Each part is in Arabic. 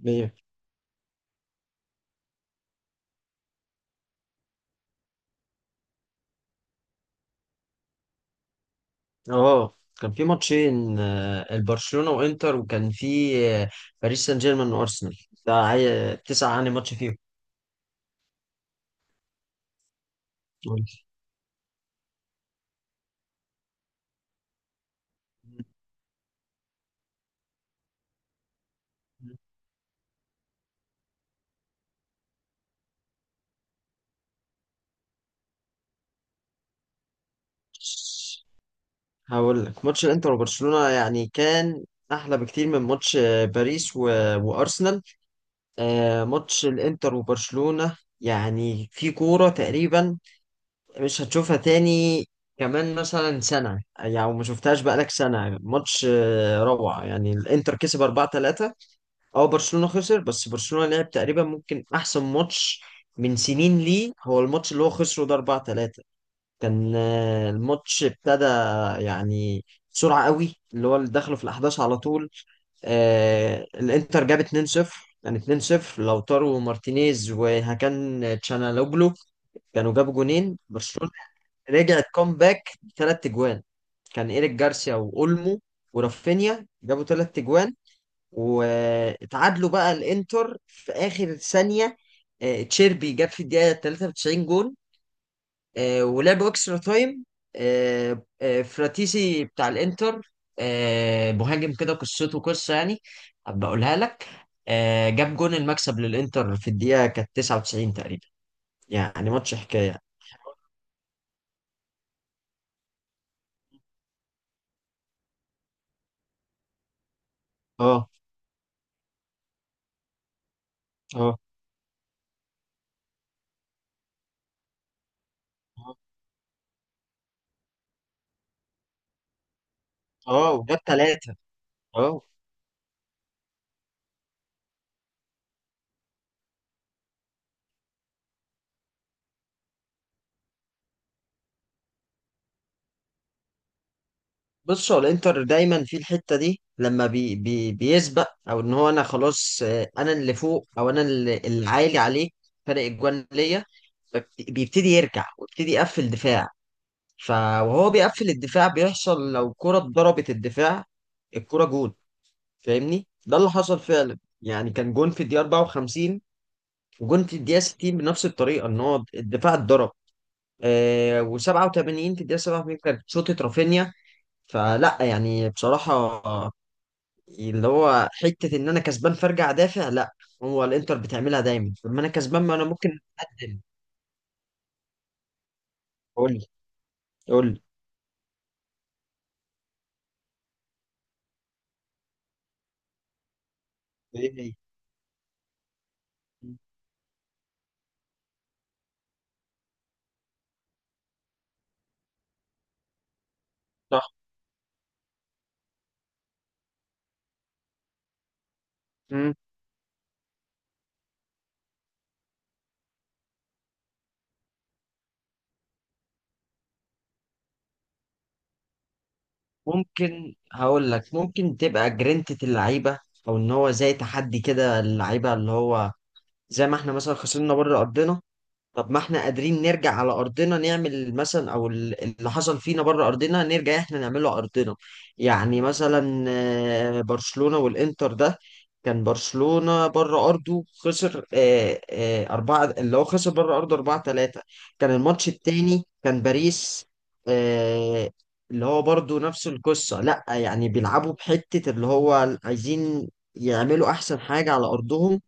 مية. اه، كان في ماتشين، البرشلونة وانتر، وكان في باريس سان جيرمان وارسنال. ده تسعة عن ماتش فيهم. قول. هقول لك، ماتش الانتر وبرشلونة يعني كان احلى بكتير من ماتش باريس و... وارسنال. ماتش الانتر وبرشلونة يعني في كورة تقريبا مش هتشوفها تاني، كمان مثلا سنة. يعني ما شفتهاش بقالك سنة، ماتش روعة. يعني الانتر كسب 4-3. اه، برشلونة خسر، بس برشلونة لعب تقريبا ممكن احسن ماتش من سنين. ليه؟ هو الماتش اللي هو خسره ده 4 3، كان الماتش ابتدى يعني بسرعة قوي، اللي هو اللي دخله في الاحداث على طول. آه الانتر جاب 2-0، يعني 2-0 لوتارو مارتينيز وهاكان تشانالوجلو، كانوا جابوا جونين. برشلونة رجعت كومباك بـ3 اجوان، كان ايريك جارسيا واولمو ورافينيا جابوا 3 اجوان، واتعادلوا بقى الانتر في اخر ثانيه. تشيربي جاب في الدقيقه 93 جون. ولعبوا اكسترا تايم. فراتيسي بتاع الانتر، مهاجم كده قصته قصه، يعني هبقى اقولها لك. جاب جون المكسب للانتر في الدقيقه كانت 99 تقريبا. يعني ماتش حكايه. اه، اه، اه، وجاب 3. اه، بص، هو الانتر دايما في الحته دي لما بي بي بيسبق، او ان هو، انا خلاص انا اللي فوق، او انا اللي عالي عليه فرق الجوان ليا، بيبتدي يرجع ويبتدي يقفل دفاع. فوهو بيقفل الدفاع، بيحصل لو كرة ضربت الدفاع الكرة جون. فاهمني؟ ده اللي حصل فعلا، يعني كان جون في الدقيقة 54، وجون في الدقيقة 60 بنفس الطريقة، ان هو الدفاع اتضرب. آه و87 في الدقيقة 87 كانت شوطة رافينيا. فلا يعني بصراحة، اللي هو حتة إن أنا كسبان فأرجع أدافع، لا. هو الإنتر بتعملها دايما، لما أنا كسبان ما أنا ممكن أقدم. قول لي. قول لي إيه؟ هي؟ صح. مم. ممكن، هقول لك، ممكن تبقى جرينتة اللعيبة، أو إن هو زي تحدي كده اللعيبة، اللي هو زي ما إحنا مثلا خسرنا بره أرضنا، طب ما احنا قادرين نرجع على ارضنا نعمل مثلا، او اللي حصل فينا بره ارضنا نرجع احنا نعمله على ارضنا. يعني مثلا برشلونة والانتر ده، كان برشلونة بره ارضه خسر اربعة، اللي هو خسر بره ارضه 4 3. كان الماتش التاني كان باريس، آه، اللي هو برضه نفس القصة. لا يعني بيلعبوا بحتة اللي هو عايزين يعملوا احسن حاجة على ارضهم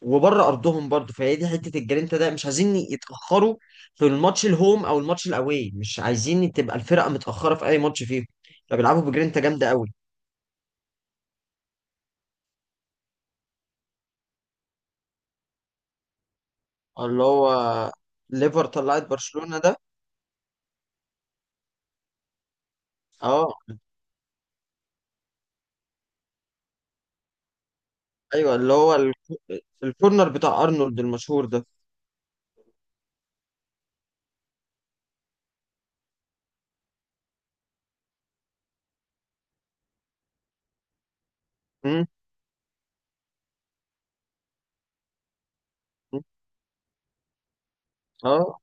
وبره ارضهم برضه. فهي دي حته الجرينتا ده، مش عايزين يتاخروا في الماتش الهوم او الماتش الاواي، مش عايزين تبقى الفرقه متاخره في اي ماتش فيهم. فبيلعبوا بجرينتا جامده قوي. اللي هو ليفر طلعت برشلونه ده. اه. ايوه، اللي هو الكورنر بتاع ارنولد المشهور ده. م- م- اه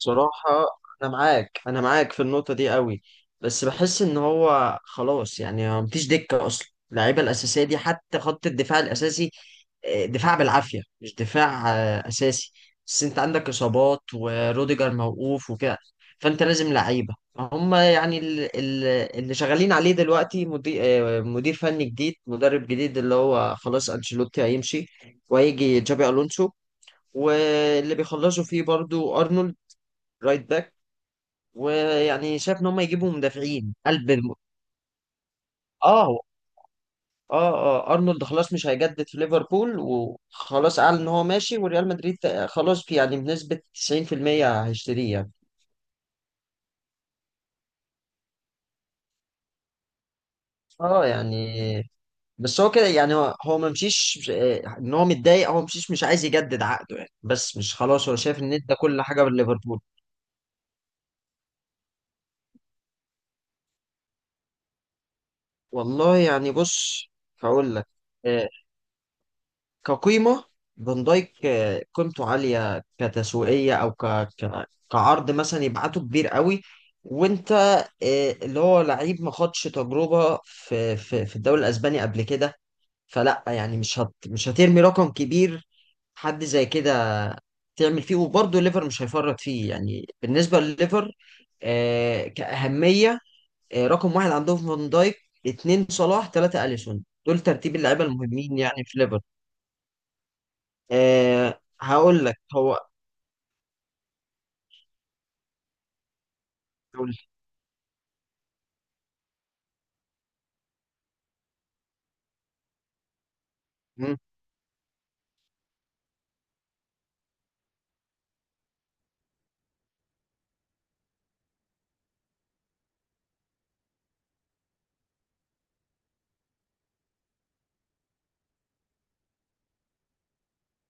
بصراحة، أنا معاك، أنا معاك في النقطة دي قوي. بس بحس إن هو خلاص، يعني ما مفيش دكة أصلا، اللعيبة الأساسية دي حتى خط الدفاع الأساسي، دفاع بالعافية مش دفاع أساسي. بس أنت عندك إصابات، وروديجر موقوف وكده، فأنت لازم لعيبة. هم يعني اللي شغالين عليه دلوقتي مدير، مدير فني جديد، مدرب جديد، اللي هو خلاص أنشيلوتي هيمشي، وهيجي جابي ألونسو. واللي بيخلصوا فيه برضو أرنولد رايت باك، ويعني شايف ان هم يجيبوا مدافعين قلب اه هو- اه، اه، ارنولد خلاص مش هيجدد في ليفربول، وخلاص اعلن ان هو ماشي، وريال مدريد خلاص في يعني بنسبة 90% هيشتريه يعني. اه يعني، بس هو كده يعني، هو ما مشيش ان هو متضايق، هو مشيش، مش عايز يجدد عقده يعني، بس مش خلاص. هو شايف ان ده كل حاجة بالليفربول. والله يعني بص، هقول لك، آه، كقيمة، فان دايك قيمته عالية كتسويقية، أو كعرض مثلا يبعته كبير قوي. وأنت اللي هو لعيب ما خدش تجربة في الدوري الأسباني قبل كده، فلا يعني مش هترمي رقم كبير حد زي كده تعمل فيه. وبرضه ليفر مش هيفرط فيه، يعني بالنسبة لليفر كأهمية، رقم واحد عندهم فان دايك، اتنين صلاح، تلاتة أليسون. دول ترتيب اللعيبة المهمين يعني في ليفر. أه هقول لك هو. قول. مم.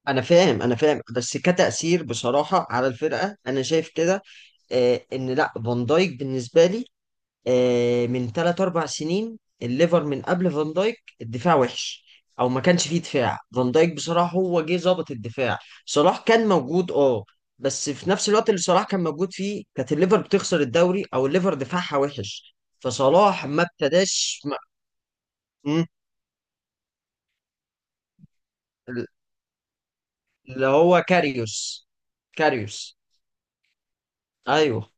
انا فاهم، انا فاهم، بس كتأثير بصراحة على الفرقة انا شايف كده، أه ان لا، فان دايك بالنسبة لي أه، من 3 4 سنين الليفر، من قبل فان دايك الدفاع وحش، او ما كانش فيه دفاع. فان دايك بصراحة هو جه ظابط الدفاع. صلاح كان موجود، اه، بس في نفس الوقت اللي صلاح كان موجود فيه كانت الليفر بتخسر الدوري، او الليفر دفاعها وحش، فصلاح ما ابتداش ما... مم. اللي هو كاريوس. كاريوس. ايوه،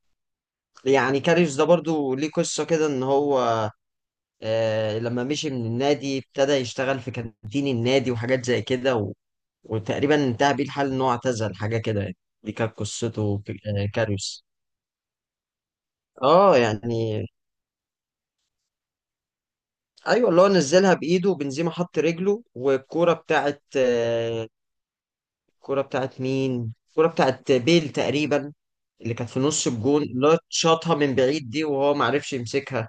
يعني كاريوس ده برضو ليه قصة كده، ان هو آه لما مشي من النادي ابتدى يشتغل في كانتين النادي وحاجات زي كده، وتقريبا انتهى بيه الحال ان هو اعتزل حاجة كده يعني. دي كانت قصته في كاريوس. اه يعني. ايوه، اللي هو نزلها بايده بنزيما، حط رجله، والكورة بتاعت الكورة بتاعت مين؟ الكورة بتاعت بيل تقريبا، اللي كانت في نص الجون اللي هو شاطها من بعيد دي، وهو ما عرفش يمسكها.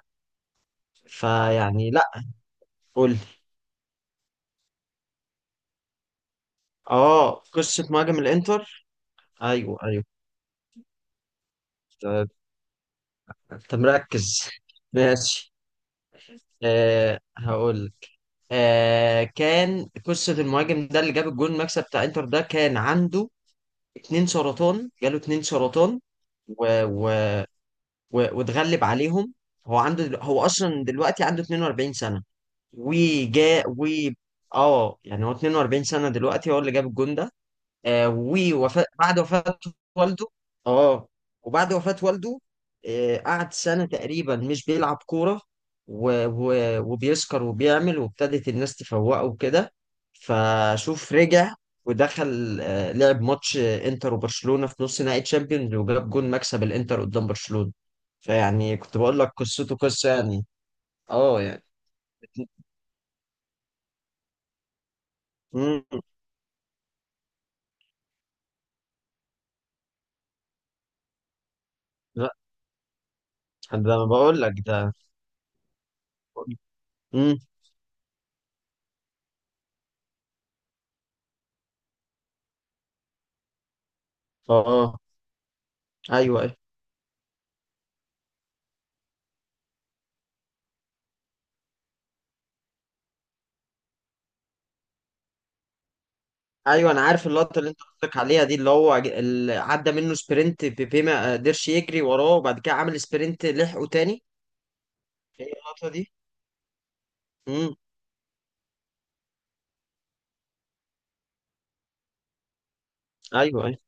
فيعني لا. قول لي. اه، قصة مهاجم الانتر. ايوه، ايوه. انت أنت مركز ماشي. آه هقول لك. آه كان قصة المهاجم ده اللي جاب الجول المكسب بتاع انتر ده، كان عنده 2 سرطان، جاله 2 سرطان و... و... واتغلب عليهم. هو عنده هو اصلا دلوقتي عنده 42 سنة، وجا و اه يعني، هو 42 سنة دلوقتي هو اللي جاب الجول ده. آه ووفاة بعد وفاة والده. اه، وبعد وفاة والده آه قعد سنة تقريبا مش بيلعب كورة، و... و... وبيسكر وبيعمل، وابتدت الناس تفوقه وكده. فشوف رجع، ودخل آه لعب ماتش انتر وبرشلونة في نص نهائي تشامبيونز، وجاب جون مكسب الانتر قدام برشلونة. فيعني كنت بقول لك قصته قصة يعني. اه يعني. مم. لا، ده انا بقول لك ده. مم. اه. آه. ايوه، أيوه. ايوه، انا عارف اللقطه اللي انت قصدك عليها دي، اللي هو اللي عدى منه سبرنت بيبي ما قدرش يجري وراه، وبعد كده عمل سبرنت لحقه تاني. هي اللقطه دي. امم. ايوه، ايوه.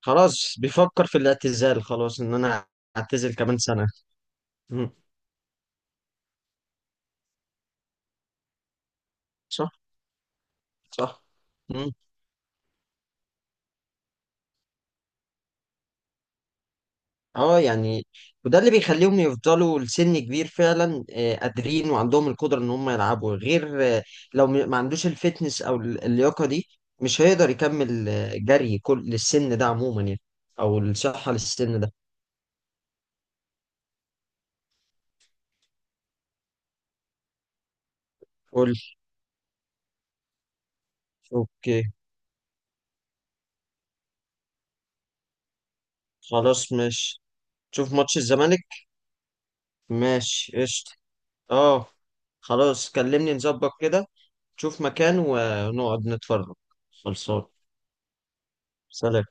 خلاص بيفكر في الاعتزال، خلاص، ان انا اعتزل كمان سنه. امم. صح، صح. مم. اه يعني، وده اللي بيخليهم يفضلوا لسن كبير فعلا، قادرين وعندهم القدرة ان هم يلعبوا. غير لو ما عندوش الفتنس او اللياقة دي مش هيقدر يكمل جري كل للسن ده عموما يعني، او الصحة للسن ده. قول. اوكي، خلاص ماشي. تشوف ماتش الزمالك. ماشي، قشطة. اه، خلاص، كلمني نظبط كده. تشوف مكان ونقعد نتفرج. خلصان. سلام.